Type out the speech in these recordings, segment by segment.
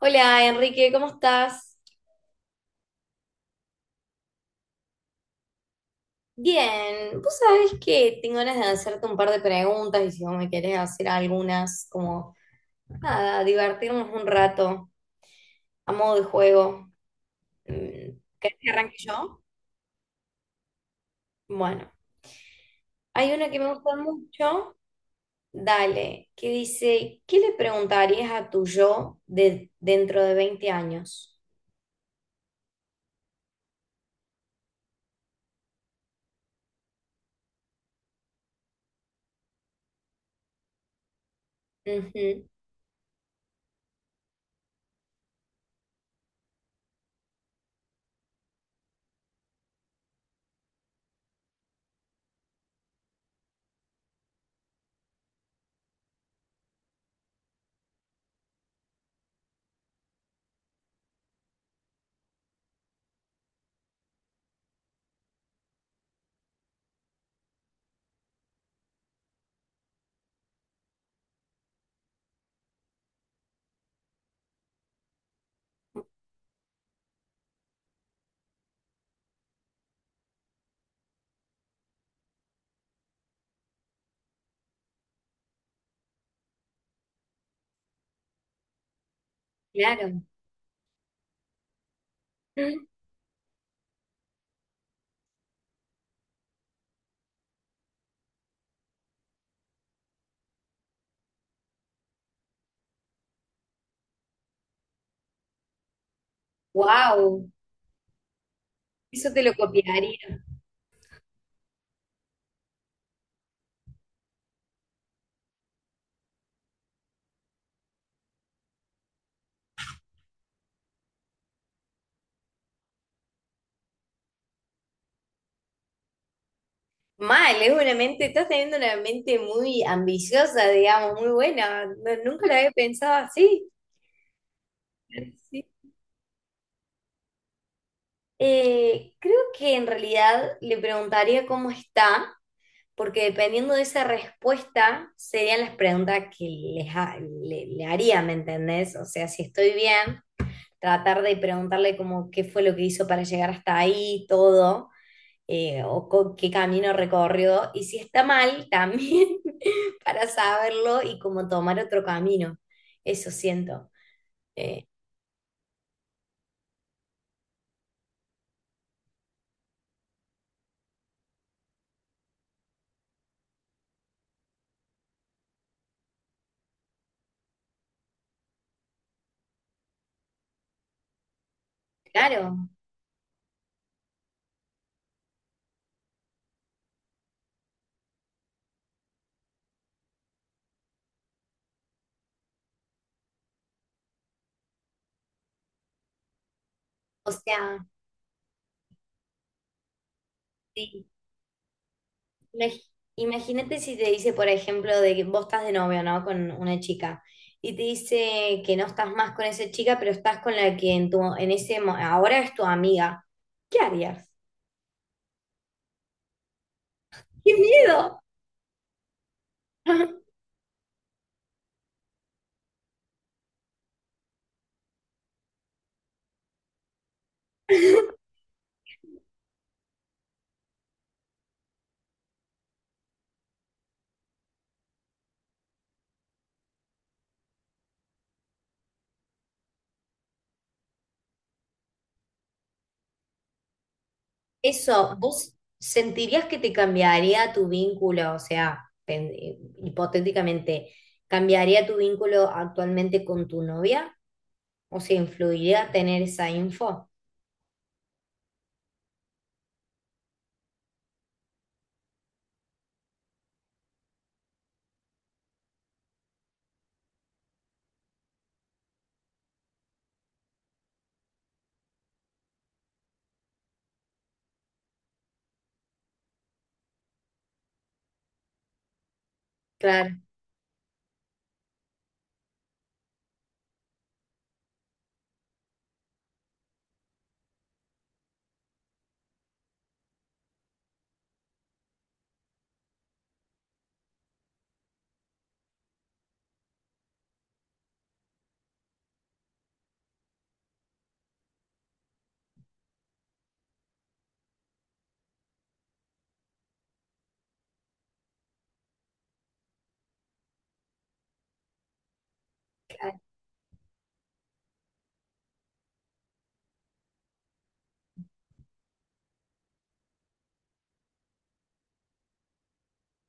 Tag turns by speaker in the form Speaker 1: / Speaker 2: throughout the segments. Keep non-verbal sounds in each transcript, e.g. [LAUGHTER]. Speaker 1: Hola Enrique, ¿cómo estás? Bien, vos sabés que tengo ganas de hacerte un par de preguntas y si vos me querés hacer algunas, como nada, divertirnos un rato a modo de juego. ¿Querés que arranque yo? Bueno, hay una que me gusta mucho, dale, que dice, ¿qué le preguntarías a tu yo de dentro de 20 años? Ujú, claro. Wow, eso te lo copiaría. Mal, es una mente, estás teniendo una mente muy ambiciosa, digamos, muy buena. Nunca la había pensado así. Sí. Creo que en realidad le preguntaría cómo está, porque dependiendo de esa respuesta serían las preguntas que le haría, ¿me entendés? O sea, si estoy bien, tratar de preguntarle como qué fue lo que hizo para llegar hasta ahí, todo. O con qué camino recorrió y si está mal también [LAUGHS] para saberlo y como tomar otro camino. Eso siento. Eh, claro, o sea, sí. Imag- Imagínate si te dice, por ejemplo, de que vos estás de novio, ¿no? Con una chica y te dice que no estás más con esa chica, pero estás con la que en tu, en ese, ahora es tu amiga. ¿Qué harías? ¡Qué miedo! [LAUGHS] Eso, ¿vos sentirías que te cambiaría tu vínculo? O sea, hipotéticamente, ¿cambiaría tu vínculo actualmente con tu novia? O sea, ¿influiría tener esa info? Claro, claro,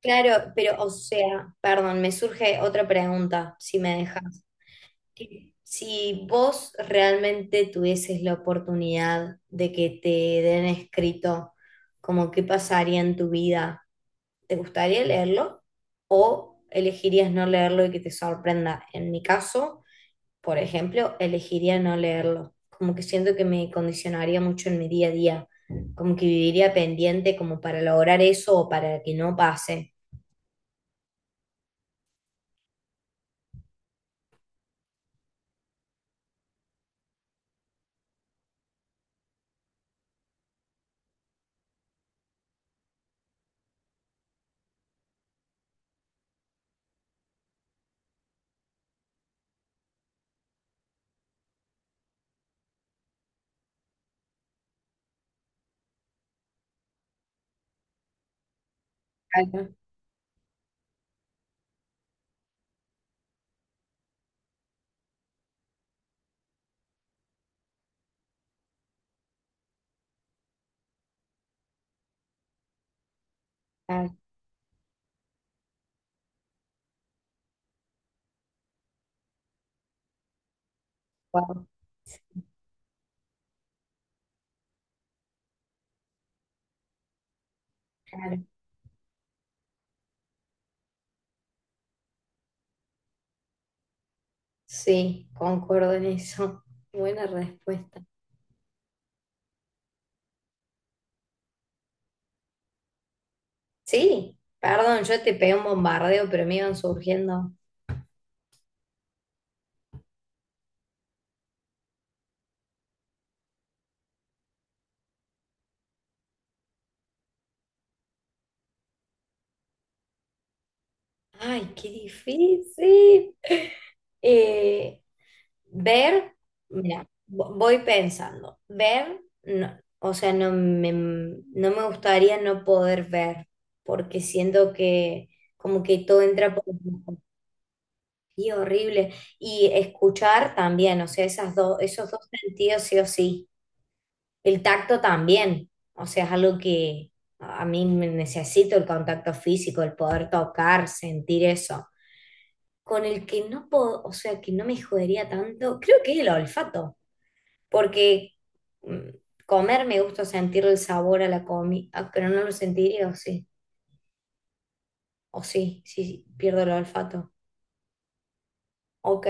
Speaker 1: claro, pero o sea, perdón, me surge otra pregunta, si me dejas. Que si vos realmente tuvieses la oportunidad de que te den escrito como qué pasaría en tu vida, ¿te gustaría leerlo? ¿O elegirías no leerlo y que te sorprenda? En mi caso, por ejemplo, elegiría no leerlo. Como que siento que me condicionaría mucho en mi día a día, como que viviría pendiente como para lograr eso o para que no pase. Claro, claro, guau, claro. Sí, concuerdo en eso. [LAUGHS] Buena respuesta. Sí, perdón, yo te pegué un bombardeo, pero me iban surgiendo. Ay, qué difícil. [LAUGHS] Eh, Ver, mira, voy pensando. Ver, no, o sea, no me gustaría no poder ver, porque siento que como que todo entra por los ojos. Y horrible. Y escuchar también, o sea, esas dos, esos dos sentidos sí o sí. El tacto también, o sea, es algo que a mí me necesito el contacto físico, el poder tocar, sentir eso. Con el que no puedo, o sea, que no me jodería tanto, creo que es el olfato, porque mm, comer me gusta sentir el sabor a la comida, pero no lo sentiría, o sí, sí, sí, pierdo el olfato. Ok,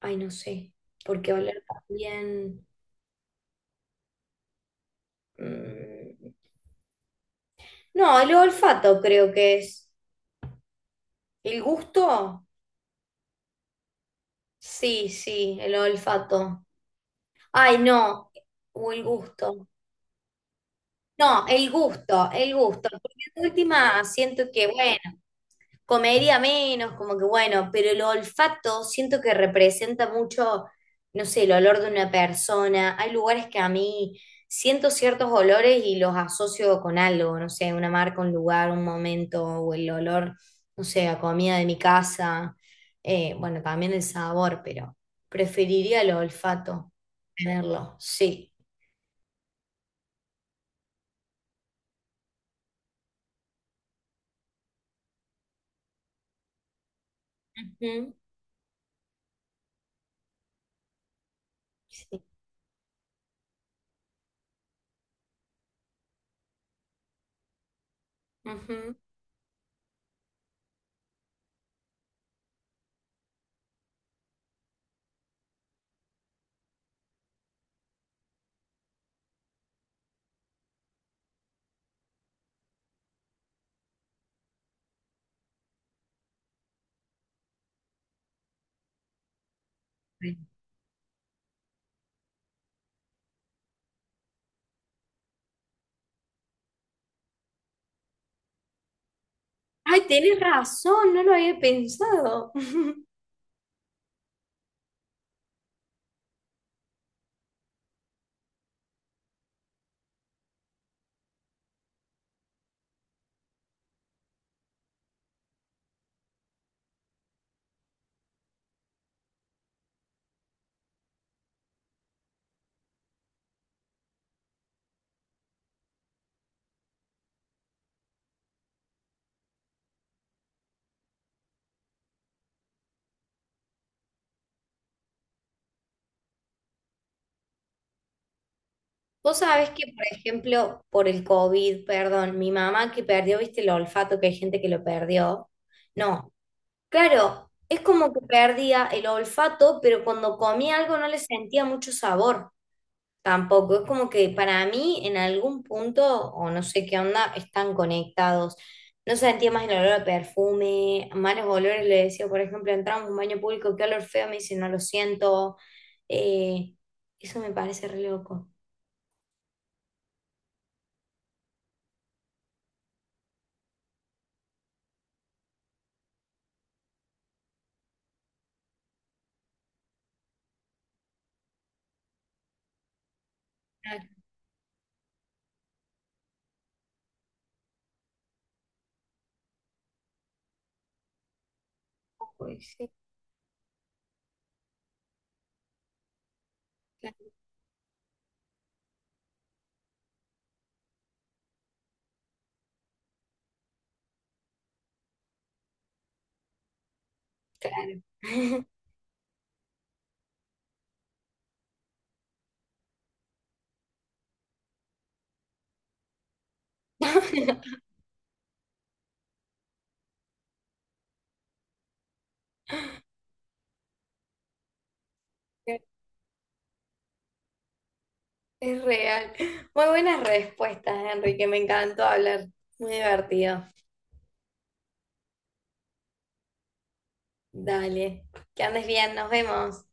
Speaker 1: ay, no sé, porque oler también... mm, No, el olfato creo que es el gusto. Sí, sí, el olfato. Ay, no, o el gusto. No, el gusto, el gusto. Porque de última siento que, bueno, comería menos, como que bueno, pero el olfato siento que representa mucho, no sé, el olor de una persona. Hay lugares que a mí siento ciertos olores y los asocio con algo, no sé, una marca, un lugar, un momento, o el olor, no sé, a comida de mi casa. Bueno, también el sabor, pero preferiría el olfato, tenerlo, sí. Ujú, sí. Ujú. Ay, tienes razón, no lo había pensado. [LAUGHS] Vos sabés que, por ejemplo, por el COVID, perdón, mi mamá que perdió, viste, el olfato, que hay gente que lo perdió. No, claro, es como que perdía el olfato, pero cuando comía algo no le sentía mucho sabor. Tampoco, es como que para mí en algún punto, o no sé qué onda, están conectados. No sentía más el olor a perfume, malos olores, le decía, por ejemplo, entramos a un baño público, qué olor feo, me dice, no lo siento. Eh, Eso me parece re loco. Claro, uy, sí, claro, claro. Claro, [LAUGHS] es real. Muy buenas respuestas, Enrique, me encantó hablar. Muy divertido. Dale, que andes bien, nos vemos.